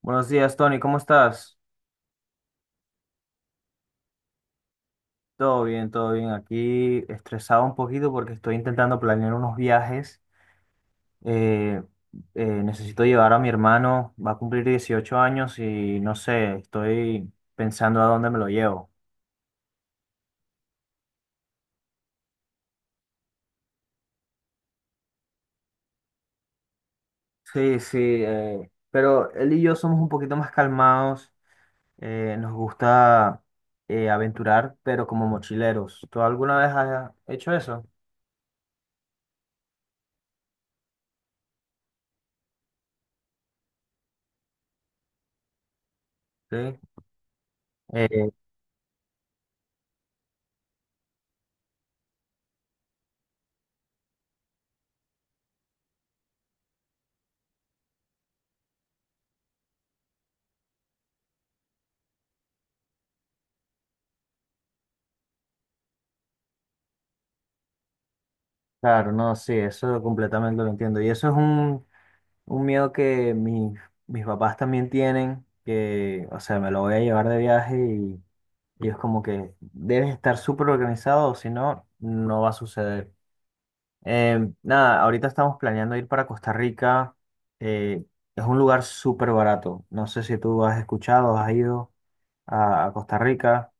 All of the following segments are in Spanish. Buenos días, Tony, ¿cómo estás? Todo bien, todo bien. Aquí estresado un poquito porque estoy intentando planear unos viajes. Eh, Necesito llevar a mi hermano, va a cumplir 18 años y no sé, estoy pensando a dónde me lo llevo. Sí, sí, pero él y yo somos un poquito más calmados, nos gusta aventurar, pero como mochileros. ¿Tú alguna vez has hecho eso? Sí. Eh, claro, no, sí, eso completamente lo entiendo. Y eso es un miedo que mis papás también tienen, que, o sea, me lo voy a llevar de viaje y es como que debes estar súper organizado, o si no, no va a suceder. Nada, ahorita estamos planeando ir para Costa Rica. eh, es un lugar súper barato. No sé si tú has escuchado, has ido a Costa Rica.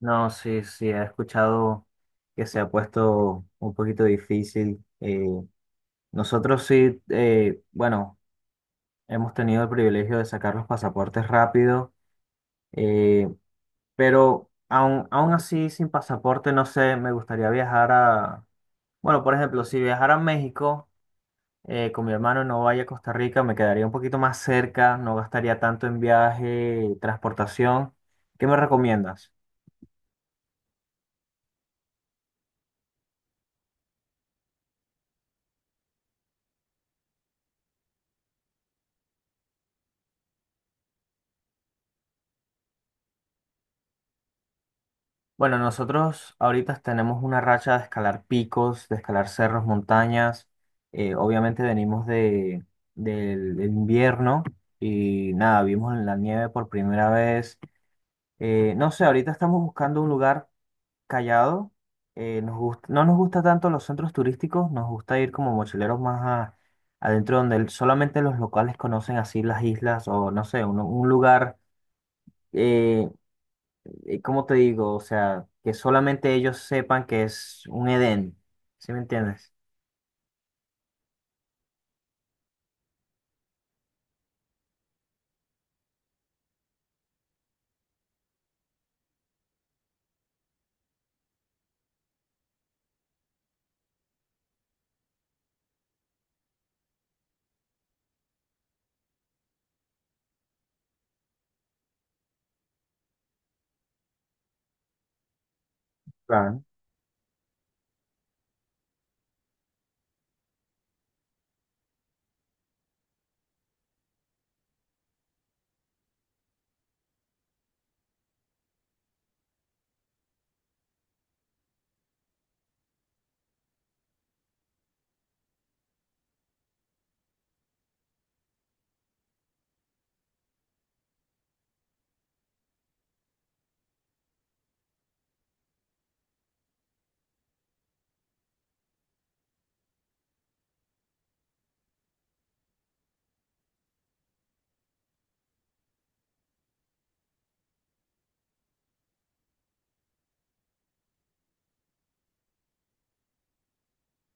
No, sí, sí, he escuchado que se ha puesto un poquito difícil. Nosotros sí, bueno. Hemos tenido el privilegio de sacar los pasaportes rápido, eh, pero aún así sin pasaporte, no sé, me gustaría viajar bueno, por ejemplo, si viajara a México con mi hermano y no vaya a Costa Rica, me quedaría un poquito más cerca, no gastaría tanto en viaje, transportación. ¿Qué me recomiendas? Bueno, nosotros ahorita tenemos una racha de escalar picos, de escalar cerros, montañas. Obviamente venimos del invierno y nada, vimos la nieve por primera vez. No sé, ahorita estamos buscando un lugar callado. No nos gusta tanto los centros turísticos, nos gusta ir como mochileros más a- adentro donde solamente los locales conocen así las islas o no sé, un lugar. eh, ¿Cómo te digo? O sea, que solamente ellos sepan que es un Edén. ¿Sí me entiendes? Claro.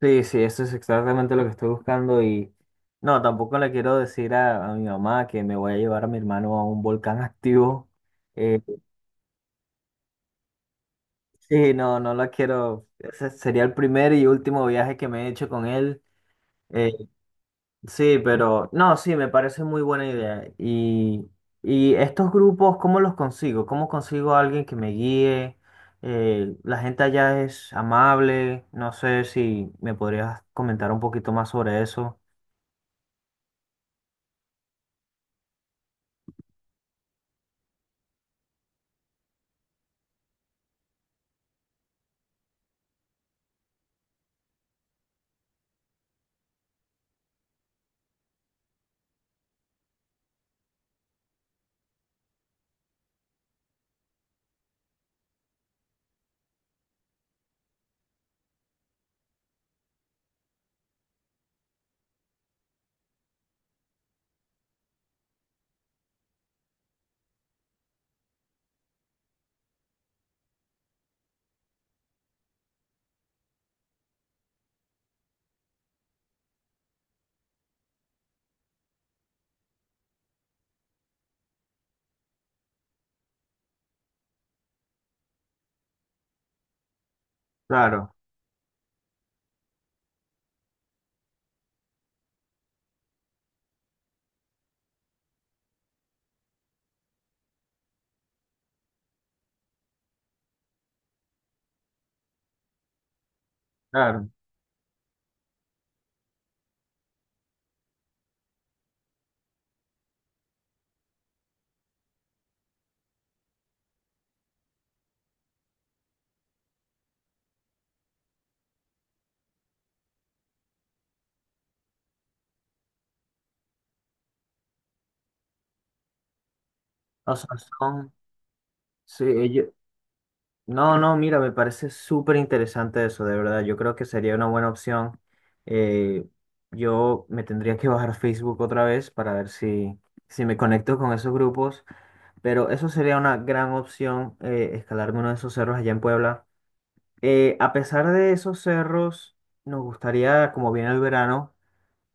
Sí, sí, eso es exactamente lo que estoy buscando y no, tampoco le quiero decir a mi mamá que me voy a llevar a mi hermano a un volcán activo. Eh, sí, no, no la quiero. Ese sería el primer y último viaje que me he hecho con él. Eh, Sí, pero no, sí, me parece muy buena idea. Y estos grupos, ¿cómo los consigo? ¿Cómo consigo a alguien que me guíe? La gente allá es amable. No sé si me podrías comentar un poquito más sobre eso. Claro, claro. O sea, son, sí, ellos- No, no, mira, me parece súper interesante eso, de verdad. Yo creo que sería una buena opción. Eh, yo me tendría que bajar Facebook otra vez para ver si me conecto con esos grupos. Pero eso sería una gran opción, escalarme uno de esos cerros allá en Puebla. A pesar de esos cerros, nos gustaría, como viene el verano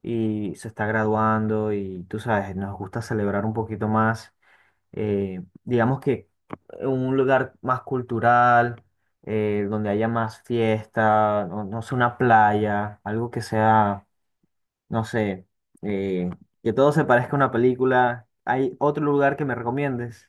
y se está graduando y tú sabes, nos gusta celebrar un poquito más, digamos que un lugar más cultural, donde haya más fiesta, no, no sé, una playa, algo que sea, no sé, eh, que todo se parezca a una película. ¿Hay otro lugar que me recomiendes?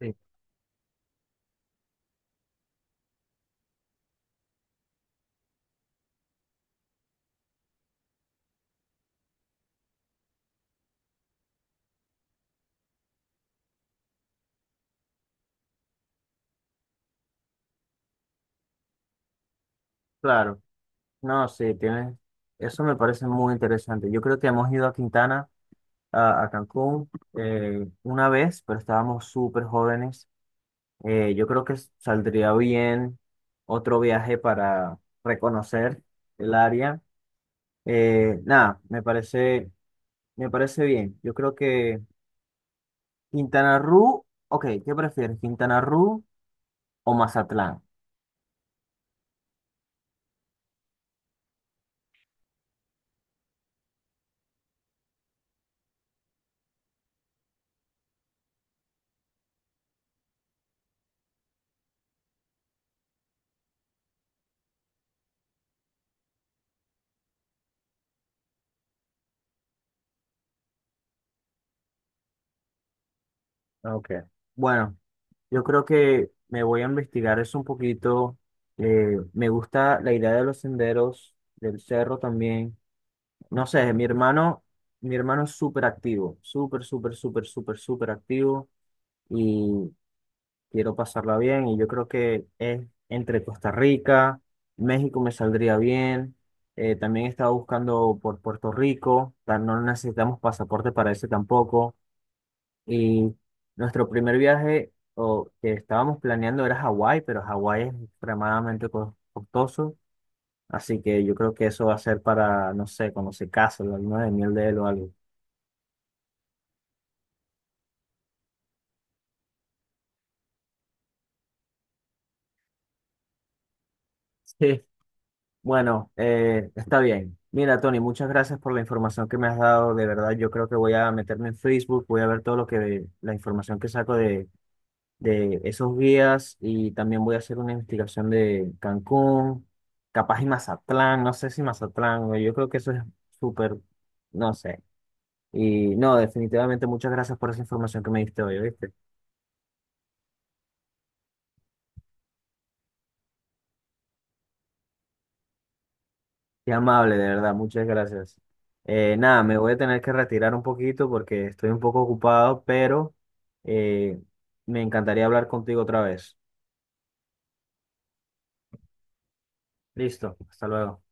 Sí, claro. No, sí, tienes. Eso me parece muy interesante. Yo creo que hemos ido a Quintana, a Cancún, una vez, pero estábamos súper jóvenes. Yo creo que saldría bien otro viaje para reconocer el área. Nada, me parece bien. Yo creo que Quintana Roo, ok, ¿qué prefieres? ¿Quintana Roo o Mazatlán? Ah, ok. Bueno, yo creo que me voy a investigar eso un poquito. Me gusta la idea de los senderos, del cerro también. No sé, mi hermano es súper activo, súper, súper, súper, súper, súper activo y quiero pasarla bien. Y yo creo que es entre Costa Rica, México me saldría bien. También estaba buscando por Puerto Rico, tan- no necesitamos pasaporte para ese tampoco. Y nuestro primer viaje o que estábamos planeando era Hawái, pero Hawái es extremadamente costoso. Así que yo creo que eso va a ser para, no sé, cuando se case, la luna de miel de él o algo. Sí. Bueno, está bien. Mira, Tony, muchas gracias por la información que me has dado. De verdad, yo creo que voy a meterme en Facebook, voy a ver todo lo que, la información que saco de esos guías y también voy a hacer una investigación de Cancún, capaz y Mazatlán, no sé si Mazatlán, güey, yo creo que eso es súper, no sé. Y no, definitivamente muchas gracias por esa información que me diste hoy, ¿viste? Qué amable, de verdad, muchas gracias. Nada, me voy a tener que retirar un poquito porque estoy un poco ocupado, pero eh, me encantaría hablar contigo otra vez. Listo, hasta luego.